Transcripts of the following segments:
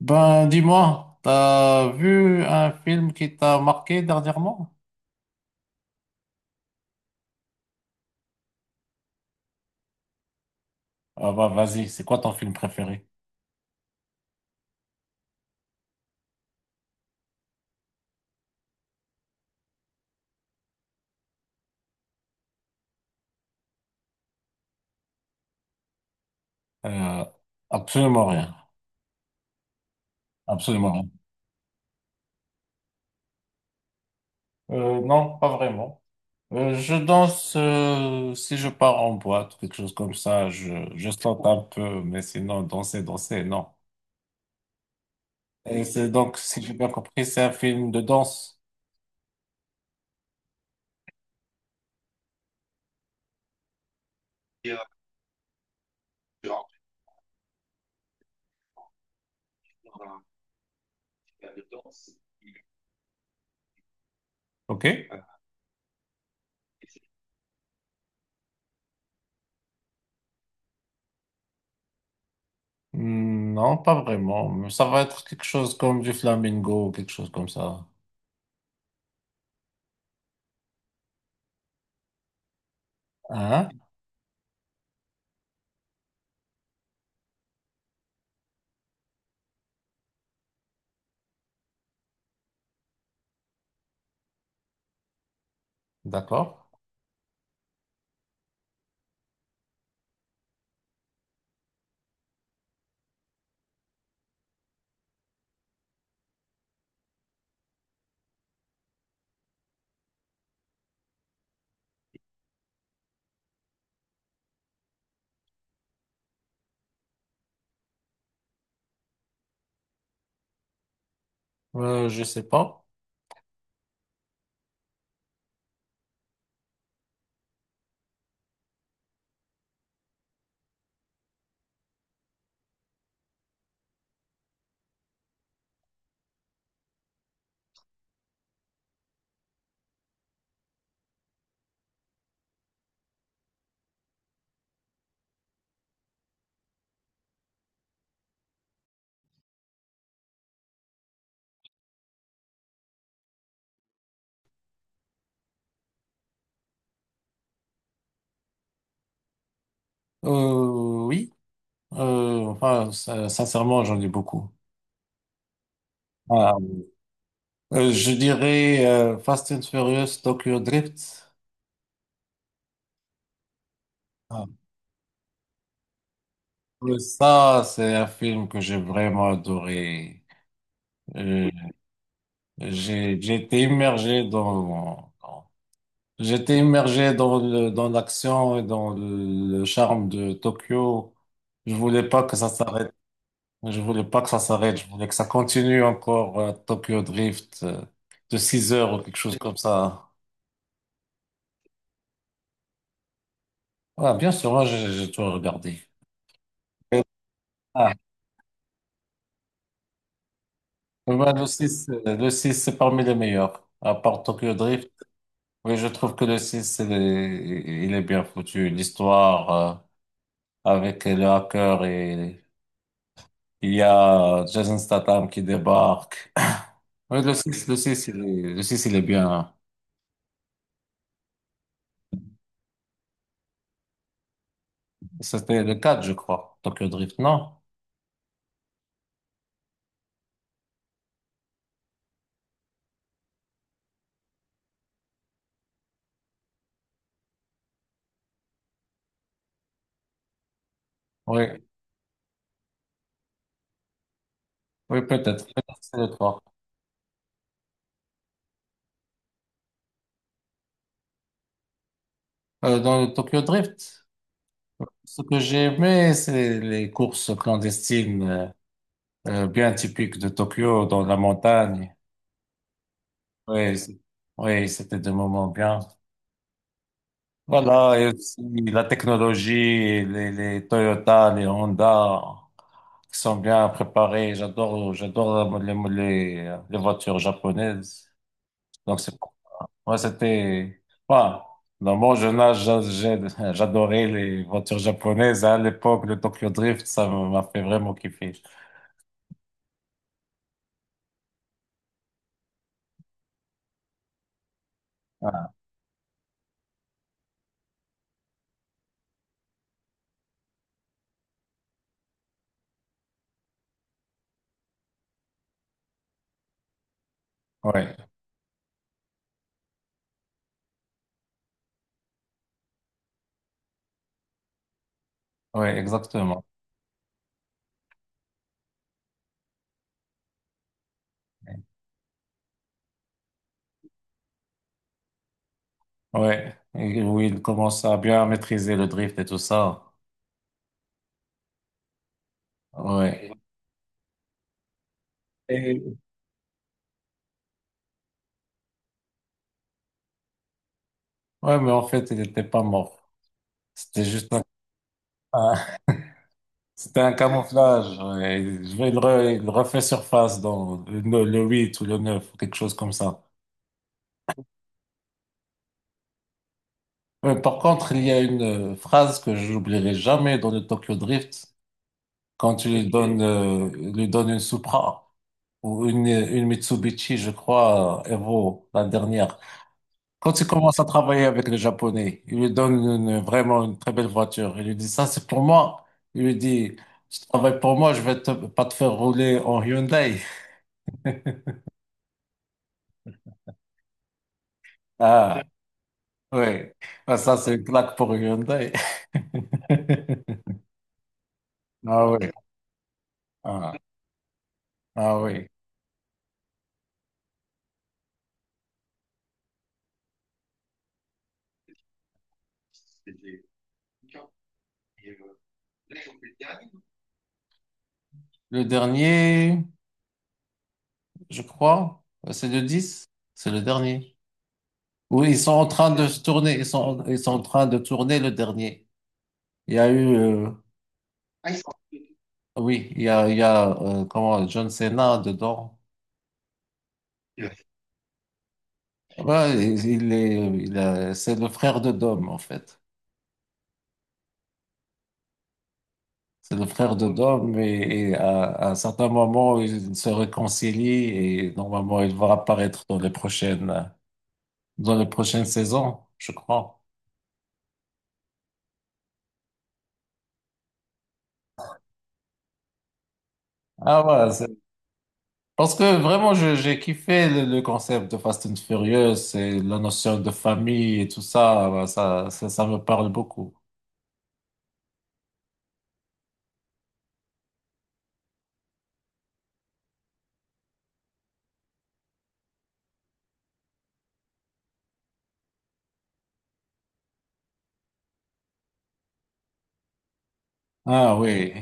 Ben, dis-moi, t'as vu un film qui t'a marqué dernièrement? Ah bah vas-y, c'est quoi ton film préféré? Euh, Absolument rien, absolument rien. Non, pas vraiment. Je danse si je pars en boîte, quelque chose comme ça. Je saute un peu, mais sinon danser, danser, non. Et c'est donc, si j'ai bien compris, c'est un film de danse. Ok? Hmm, non, pas vraiment. Ça va être quelque chose comme du flamingo, quelque chose comme ça. Hein? D'accord? Je sais pas. Oui. Enfin, sincèrement, j'en ai beaucoup. Ah, je dirais Fast and Furious Tokyo Drift. Ah. Ça, c'est un film que j'ai vraiment adoré. Euh, j'ai été j'étais immergé dans le, dans l'action et dans le, charme de Tokyo. Je voulais pas que ça s'arrête. Je voulais pas que ça s'arrête, je voulais que ça continue encore Tokyo Drift de 6 heures ou quelque chose comme ça. Ouais, bien sûr, moi j'ai tout regardé. Et- ah, ouais, le 6 c'est parmi les meilleurs, à part Tokyo Drift. Oui, je trouve que le 6 c'est les- il est bien foutu. L'histoire avec le hacker et il y a Jason Statham qui débarque. Oui, le 6 il est bien. C'était le 4 je crois, Tokyo Drift, non? Oui. Oui, peut-être. Peut-être c'est le trois. Dans le Tokyo Drift, ce que j'ai aimé, c'est les courses clandestines bien typiques de Tokyo, dans la montagne. Oui, c'est- oui, c'était des moments bien. Voilà, et aussi la technologie, les Toyota, les Honda, qui sont bien préparés. J'adore, j'adore les voitures japonaises. Donc, c'est ouais, c'était. Voilà. Dans mon jeune âge, j'adorais les voitures japonaises, hein. À l'époque, le Tokyo Drift, ça m'a fait vraiment kiffer. Ah, ouais, ouais, exactement. Ouais, et où il commence à bien maîtriser le drift et tout ça. Ouais. Et- ouais, mais en fait, il n'était pas mort. C'était juste un- c'était un camouflage, ouais. Il refait surface dans le 8 ou le 9 quelque chose comme ça. Par contre, il y a une phrase que je n'oublierai jamais dans le Tokyo Drift, quand tu lui donnes, il lui donne une Supra ou une Mitsubishi, je crois, Evo, la dernière. Quand il commence à travailler avec les Japonais, il lui donne une- vraiment une très belle voiture. Il lui dit, ça, c'est pour moi. Il lui dit, tu travailles pour moi, pas te faire rouler en Hyundai. Ah, oui. Ah, ça, c'est une claque pour Hyundai. Ah oui. Ah, ah oui. Le dernier, je crois. C'est le 10, c'est le dernier. Oui, ils sont en train de se tourner, ils sont en train de tourner le dernier. Il y a eu, Oui, il y a comment, John Cena dedans. Ouais, il est, il a- c'est le frère de Dom, en fait. C'est le frère de Dom et, à un certain moment, ils se réconcilient et normalement, il va apparaître dans les prochaines saisons, je crois. Ah ouais. Parce que vraiment, j'ai kiffé le concept de Fast and Furious et la notion de famille et tout ça, bah, ça me parle beaucoup. Ah oui.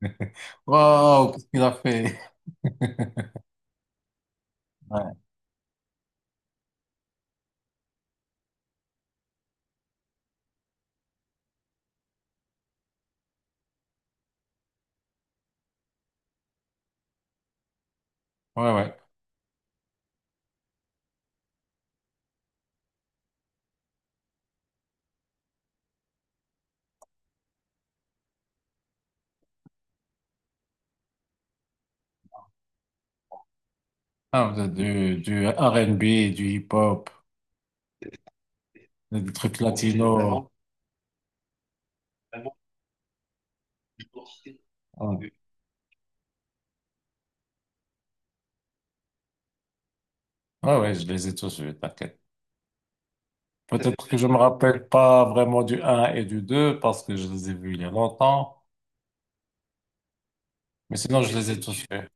Wow, qu'est-ce qu'il a fait? Ouais, ouais. Ah, du R&B, du hip-hop, des trucs latinos. Ouais, ouais, je les ai tous vus, t'inquiète. Peut-être que je me rappelle pas vraiment du un et du 2 parce que je les ai vus il y a longtemps, mais sinon je les ai tous vus.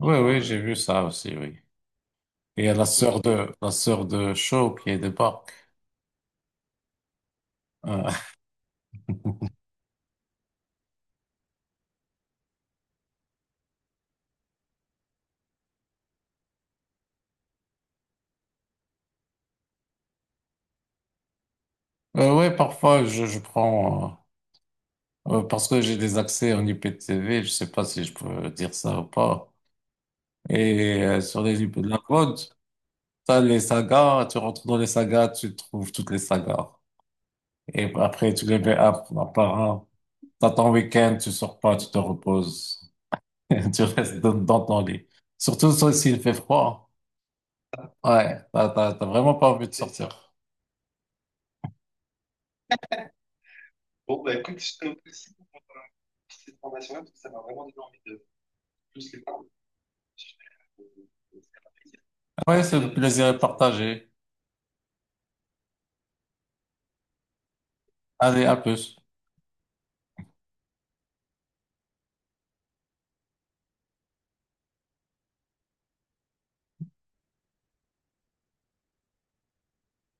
Oui, oui, j'ai vu ça aussi, oui. Il y a la sœur de Shaw qui débarque. Euh, ouais, parfois, je prends, parce que j'ai des accès en IPTV, je sais pas si je peux dire ça ou pas. Et sur les IP de la mode, t'as les sagas, tu rentres dans les sagas, tu trouves toutes les sagas. Et après, tu les mets un par un. T'as ton week-end, tu sors pas, tu te reposes. Tu restes dans ton lit. Surtout ça, s'il fait froid. Ouais, t'as vraiment pas envie de sortir. Ouais, c'est le plaisir est partagé. Allez, à plus.